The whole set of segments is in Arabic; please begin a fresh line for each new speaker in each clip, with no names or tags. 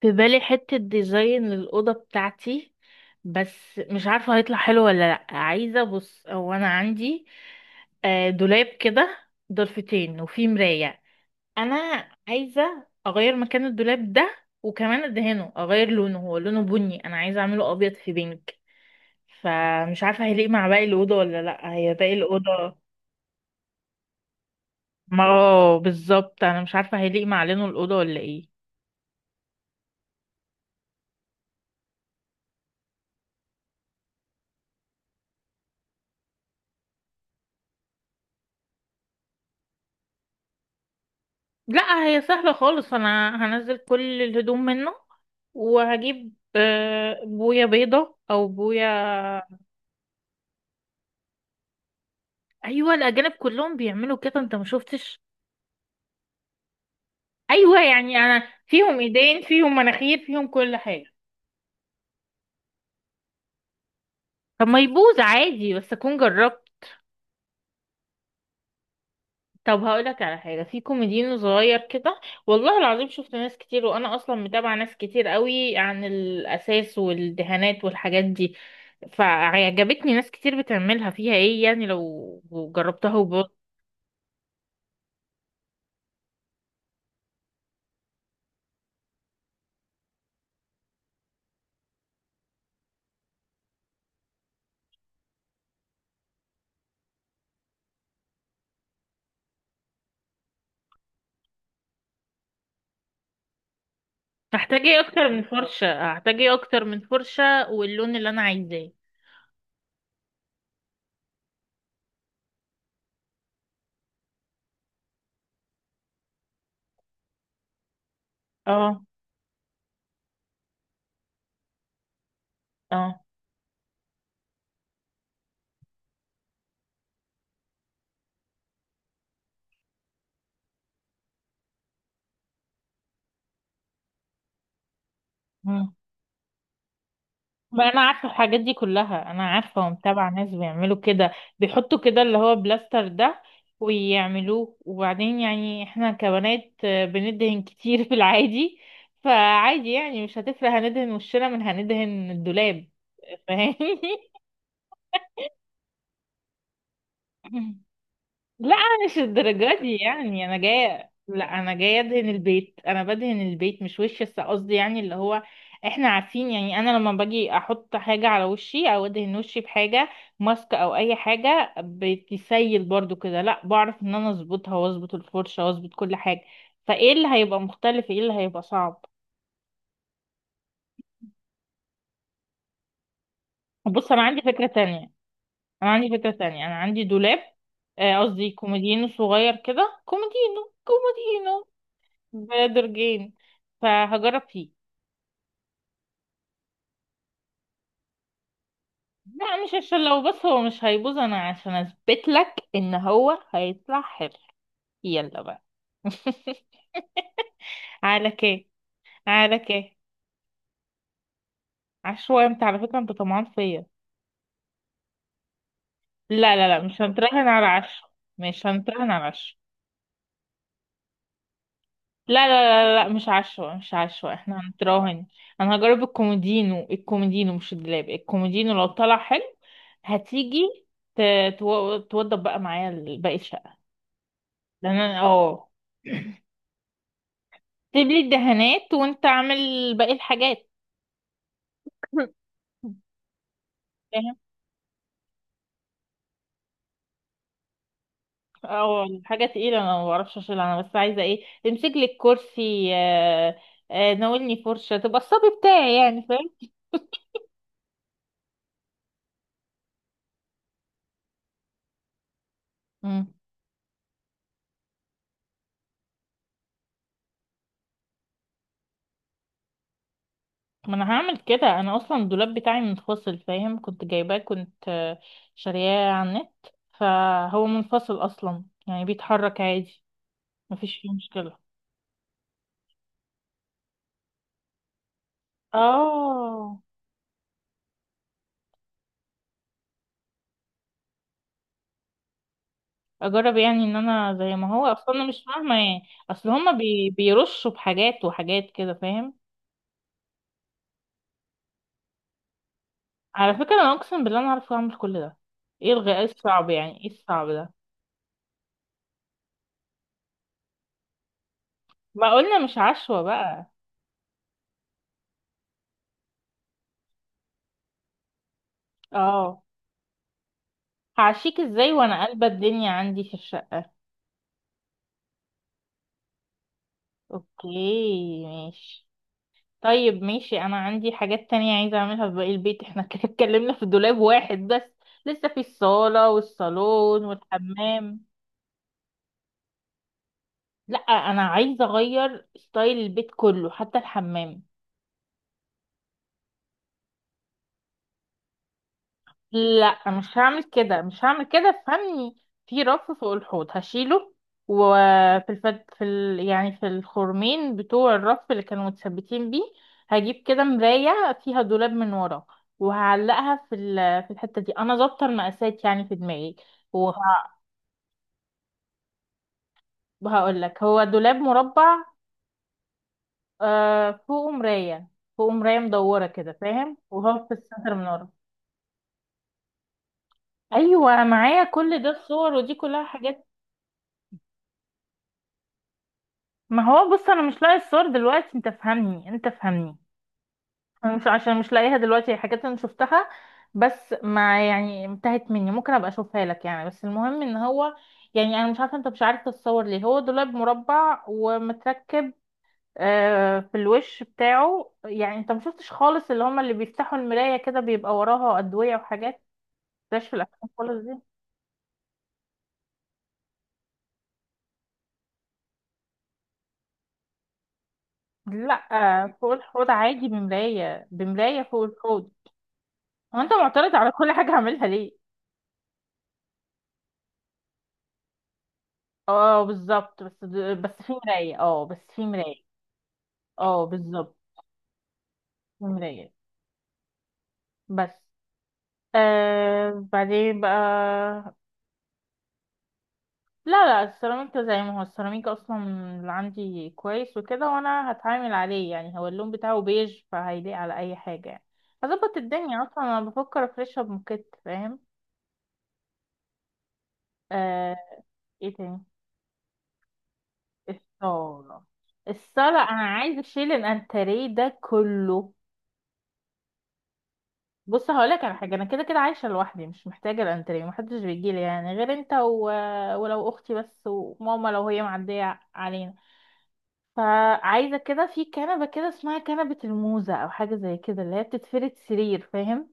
في بالي حتة ديزاين للأوضة بتاعتي. بس مش عارفة هيطلع حلو ولا لأ. عايزة بص، هو أنا عندي دولاب كده ضلفتين وفيه مراية. أنا عايزة أغير مكان الدولاب ده، وكمان أدهنه أغير لونه. هو لونه بني، أنا عايزة أعمله أبيض في بينك. فمش عارفة هيليق مع باقي الأوضة ولا لأ. هي باقي الأوضة، ما اه بالظبط، أنا مش عارفة هيليق مع لونه الأوضة ولا ايه. لا هي سهلة خالص، انا هنزل كل الهدوم منه، وهجيب بوية بيضة او بوية. ايوه الاجانب كلهم بيعملوا كده، انت ما شفتش؟ ايوه يعني انا فيهم، ايدين فيهم، مناخير فيهم، كل حاجة. طب ما يبوظ عادي، بس اكون جربت. طب هقولك على حاجة، في كوميديان صغير كده، والله العظيم شفت ناس كتير، وأنا أصلا متابعة ناس كتير قوي عن الأساس والدهانات والحاجات دي. فعجبتني ناس كتير بتعملها. فيها ايه يعني لو جربتها وبص؟ هحتاج ايه أكتر من فرشة؟ هحتاج ايه أكتر من فرشة واللون اللي أنا عايزاه. اه. اه. مم. ما انا عارفه الحاجات دي كلها، انا عارفه ومتابعه ناس بيعملوا كده. بيحطوا كده اللي هو بلاستر ده، ويعملوه، وبعدين يعني احنا كبنات بندهن كتير في العادي. فعادي يعني مش هتفرق، هندهن وشنا من هندهن الدولاب. فاهمني؟ لا أنا مش الدرجات دي يعني. انا جايه، لا انا جايه ادهن البيت، انا بدهن البيت مش وشي، بس قصدي يعني اللي هو احنا عارفين يعني. انا لما باجي احط حاجه على وشي او ادهن وشي بحاجه ماسك او اي حاجه، بتسيل برضو كده. لا بعرف ان انا اظبطها، واظبط الفرشه، واظبط كل حاجه. فايه اللي هيبقى مختلف؟ ايه اللي هيبقى صعب؟ بص انا عندي فكره تانية. انا عندي فكره تانية، انا عندي دولاب، قصدي كومودينو صغير كده، كومودينو كومودينو. بقدر جين، فهجرب فيه. لا مش عشان لو، بس هو مش هيبوظ، انا عشان اثبت لك ان هو هيطلع حلو. يلا بقى. على كيه؟ على كيه؟ عشوائي؟ انت على فكرة انت طمعان فيا. لا لا لا، مش هنتراهن على عشوة. مش هنتراهن على عشوة. لا، مش عشوة، مش عشوة، احنا هنتراهن. انا هجرب الكومودينو، الكومودينو مش الدولاب، الكومودينو. لو طلع حلو هتيجي توضب بقى معايا باقي الشقة. ده انا اه، سيب لي الدهانات وانت اعمل باقي الحاجات. فاهم. اه الحاجة تقيلة، انا ما بعرفش اشيلها، انا بس عايزة ايه تمسك لي الكرسي ناولني فرشة، تبقى الصبي بتاعي يعني، فاهم. مم. ما انا هعمل كده. انا اصلا الدولاب بتاعي منفصل، فاهم، كنت جايباه، كنت شارياه على النت. فهو منفصل اصلا يعني بيتحرك عادي، مفيش فيه مشكلة. اه. اجرب يعني، ان انا زي ما هو اصلا انا مش فاهمه يعني. اصل هما بيرشوا بحاجات وحاجات كده، فاهم. على فكره انا اقسم بالله انا عارفه اعمل كل ده. ايه ايه الصعب يعني؟ ايه الصعب ده؟ ما قلنا مش عشوه بقى. اه. هعشيك ازاي وانا قلبه الدنيا عندي في الشقه؟ اوكي ماشي. طيب ماشي، انا عندي حاجات تانية عايزه اعملها في باقي البيت. احنا كده اتكلمنا في دولاب واحد بس، لسه في الصاله والصالون والحمام. لا انا عايزه اغير ستايل البيت كله حتى الحمام. لا مش هعمل كده، مش هعمل كده، فهمني. في رف فوق الحوض هشيله، وفي الفت... في ال... يعني في الخرمين بتوع الرف اللي كانوا متثبتين بيه، هجيب كده مرايه فيها دولاب من ورا، وهعلقها في الحته دي، انا ظابطه المقاسات يعني في دماغي. وه... وهقول لك، هو دولاب مربع، آه فوقه مرايه. فوقه مرايه مدوره كده، فاهم، وهو في السنتر من ورا. ايوه معايا كل ده، الصور ودي كلها حاجات. ما هو بص انا مش لاقي الصور دلوقتي، انت فهمني، انت فهمني. أنا مش عشان مش لاقيها دلوقتي. هي حاجات انا شفتها بس ما يعني انتهت مني، ممكن ابقى اشوفها لك يعني. بس المهم ان هو يعني، انا مش عارفه انت مش عارف تتصور ليه. هو دولاب مربع ومتركب في الوش بتاعه يعني. انت ما شفتش خالص اللي هما اللي بيفتحوا المرايه كده بيبقى وراها ادويه وحاجات؟ مش في الافلام خالص دي؟ لا فوق الحوض عادي، بمرايه، بمرايه فوق الحوض. هو انت معترض على كل حاجة هعملها ليه؟ اه بالظبط، بس في مراية، اه بس في مراية. اه بالظبط. في مراية بس. آه بعدين بقى. لا لا، السيراميك ده زي ما هو، السيراميك اصلا اللي عندي كويس وكده، وانا هتعامل عليه يعني. هو اللون بتاعه بيج، فهيليق على اي حاجة يعني. هظبط الدنيا. اصلا انا بفكر افرشها بموكيت، فاهم. آه. ايه تاني؟ الصالة. الصالة انا عايزة اشيل الانتريه ده كله. بص هقولك على حاجه، انا كده كده عايشه لوحدي، مش محتاجه الانتريه، محدش بيجي لي يعني غير انت و... ولو اختي بس، وماما لو هي معديه علينا. فعايزه كده في كنبه كده اسمها كنبه الموزه او حاجه زي كده، اللي هي بتتفرد سرير، فاهم.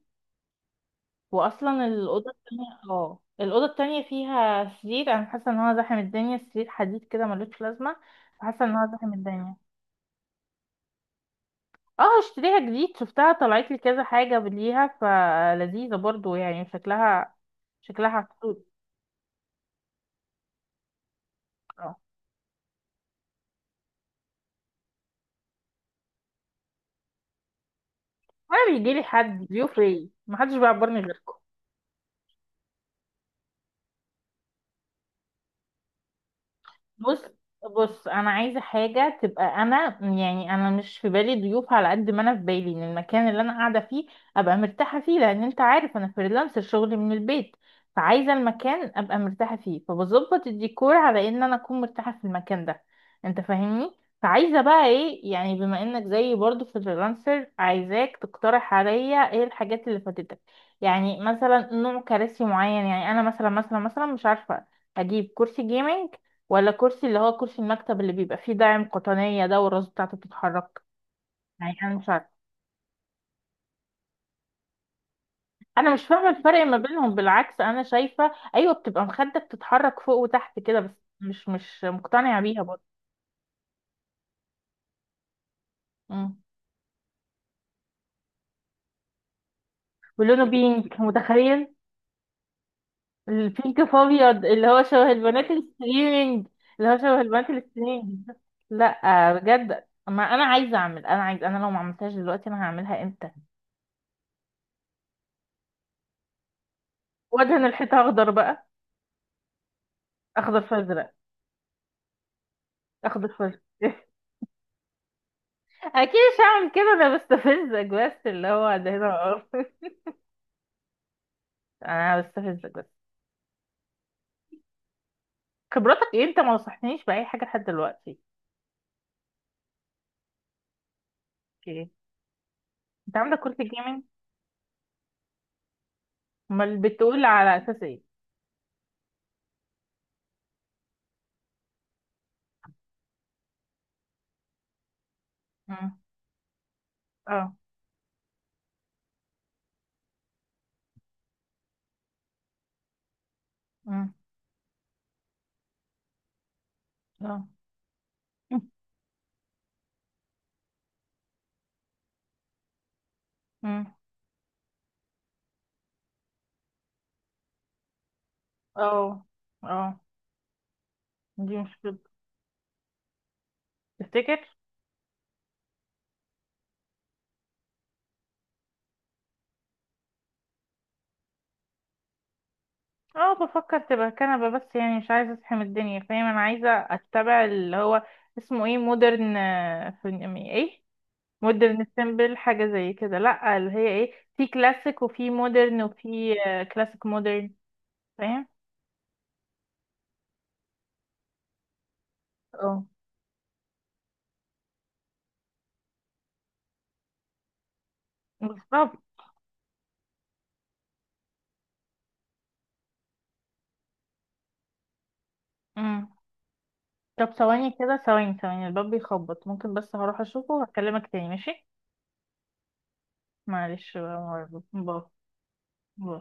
واصلا الاوضه التانية، اه الاوضه التانية فيها سرير، انا حاسه ان هو زحم الدنيا. سرير حديد كده ملوش لازمه، حاسه ان هو زحم الدنيا. اه اشتريها جديد. شفتها طلعت لي كذا حاجه ليها، فلذيذه برضو يعني، شكلها، شكلها حلو. اه. وانا بيجي لي حد ضيوف ايه؟ محدش بيعبرني غيركم. بص، بص انا عايزه حاجه تبقى، انا يعني انا مش في بالي ضيوف، على قد ما انا في بالي ان المكان اللي انا قاعده فيه ابقى مرتاحه فيه، لان انت عارف انا فريلانسر شغلي من البيت. فعايزه المكان ابقى مرتاحه فيه، فبظبط الديكور على ان انا اكون مرتاحه في المكان ده. انت فاهمني. فعايزه بقى ايه يعني، بما انك زيي برضو فريلانسر، عايزاك تقترح عليا ايه الحاجات اللي فاتتك. يعني مثلا نوع كراسي معين. يعني انا مثلا مش عارفه، اجيب كرسي جيمنج، ولا كرسي اللي هو كرسي المكتب اللي بيبقى فيه داعم قطنية ده، والراس بتاعته بتتحرك، يعني انا مش عارفة. انا مش فاهمة الفرق ما بينهم. بالعكس انا شايفة ايوه بتبقى مخدة بتتحرك فوق وتحت كده، بس مش مش مقتنعة بيها برضه. مم. ولونه بينك، متخيل؟ البينك في ابيض، اللي هو شبه البنات الستريمينج. اللي هو شبه البنات الستريمينج. لا بجد، ما انا عايزة اعمل. انا عايز، انا لو ما عملتهاش دلوقتي انا هعملها امتى؟ وادهن الحيطة اخضر بقى. اخضر فازرق. اخضر فازرق. اكيد مش هعمل كده، انا بستفزك بس، اللي هو ده هنا وقف. انا بستفزك بس. خبرتك ايه؟ انت ما نصحتنيش باي حاجه لحد دلوقتي. اوكي. انت عندك كرة الجيمنج؟ امال بتقول على اساس ايه؟ مم. اه. مم. اه. مم. اه. اه. دي مشكله. تفتكر؟ اه بفكر تبقى كنبه بس، يعني مش عايزه اصحى من الدنيا، فاهم، انا عايزه اتبع اللي هو اسمه ايه، مودرن. في ايه، مودرن سيمبل، حاجة زي كده. لا اللي هي ايه، في كلاسيك وفي مودرن وفي كلاسيك مودرن، فاهم. اه بالظبط. مم. طب ثواني كده، ثواني ثواني، الباب بيخبط، ممكن بس هروح اشوفه وهكلمك تاني، ماشي. معلش بقى، باي. باي.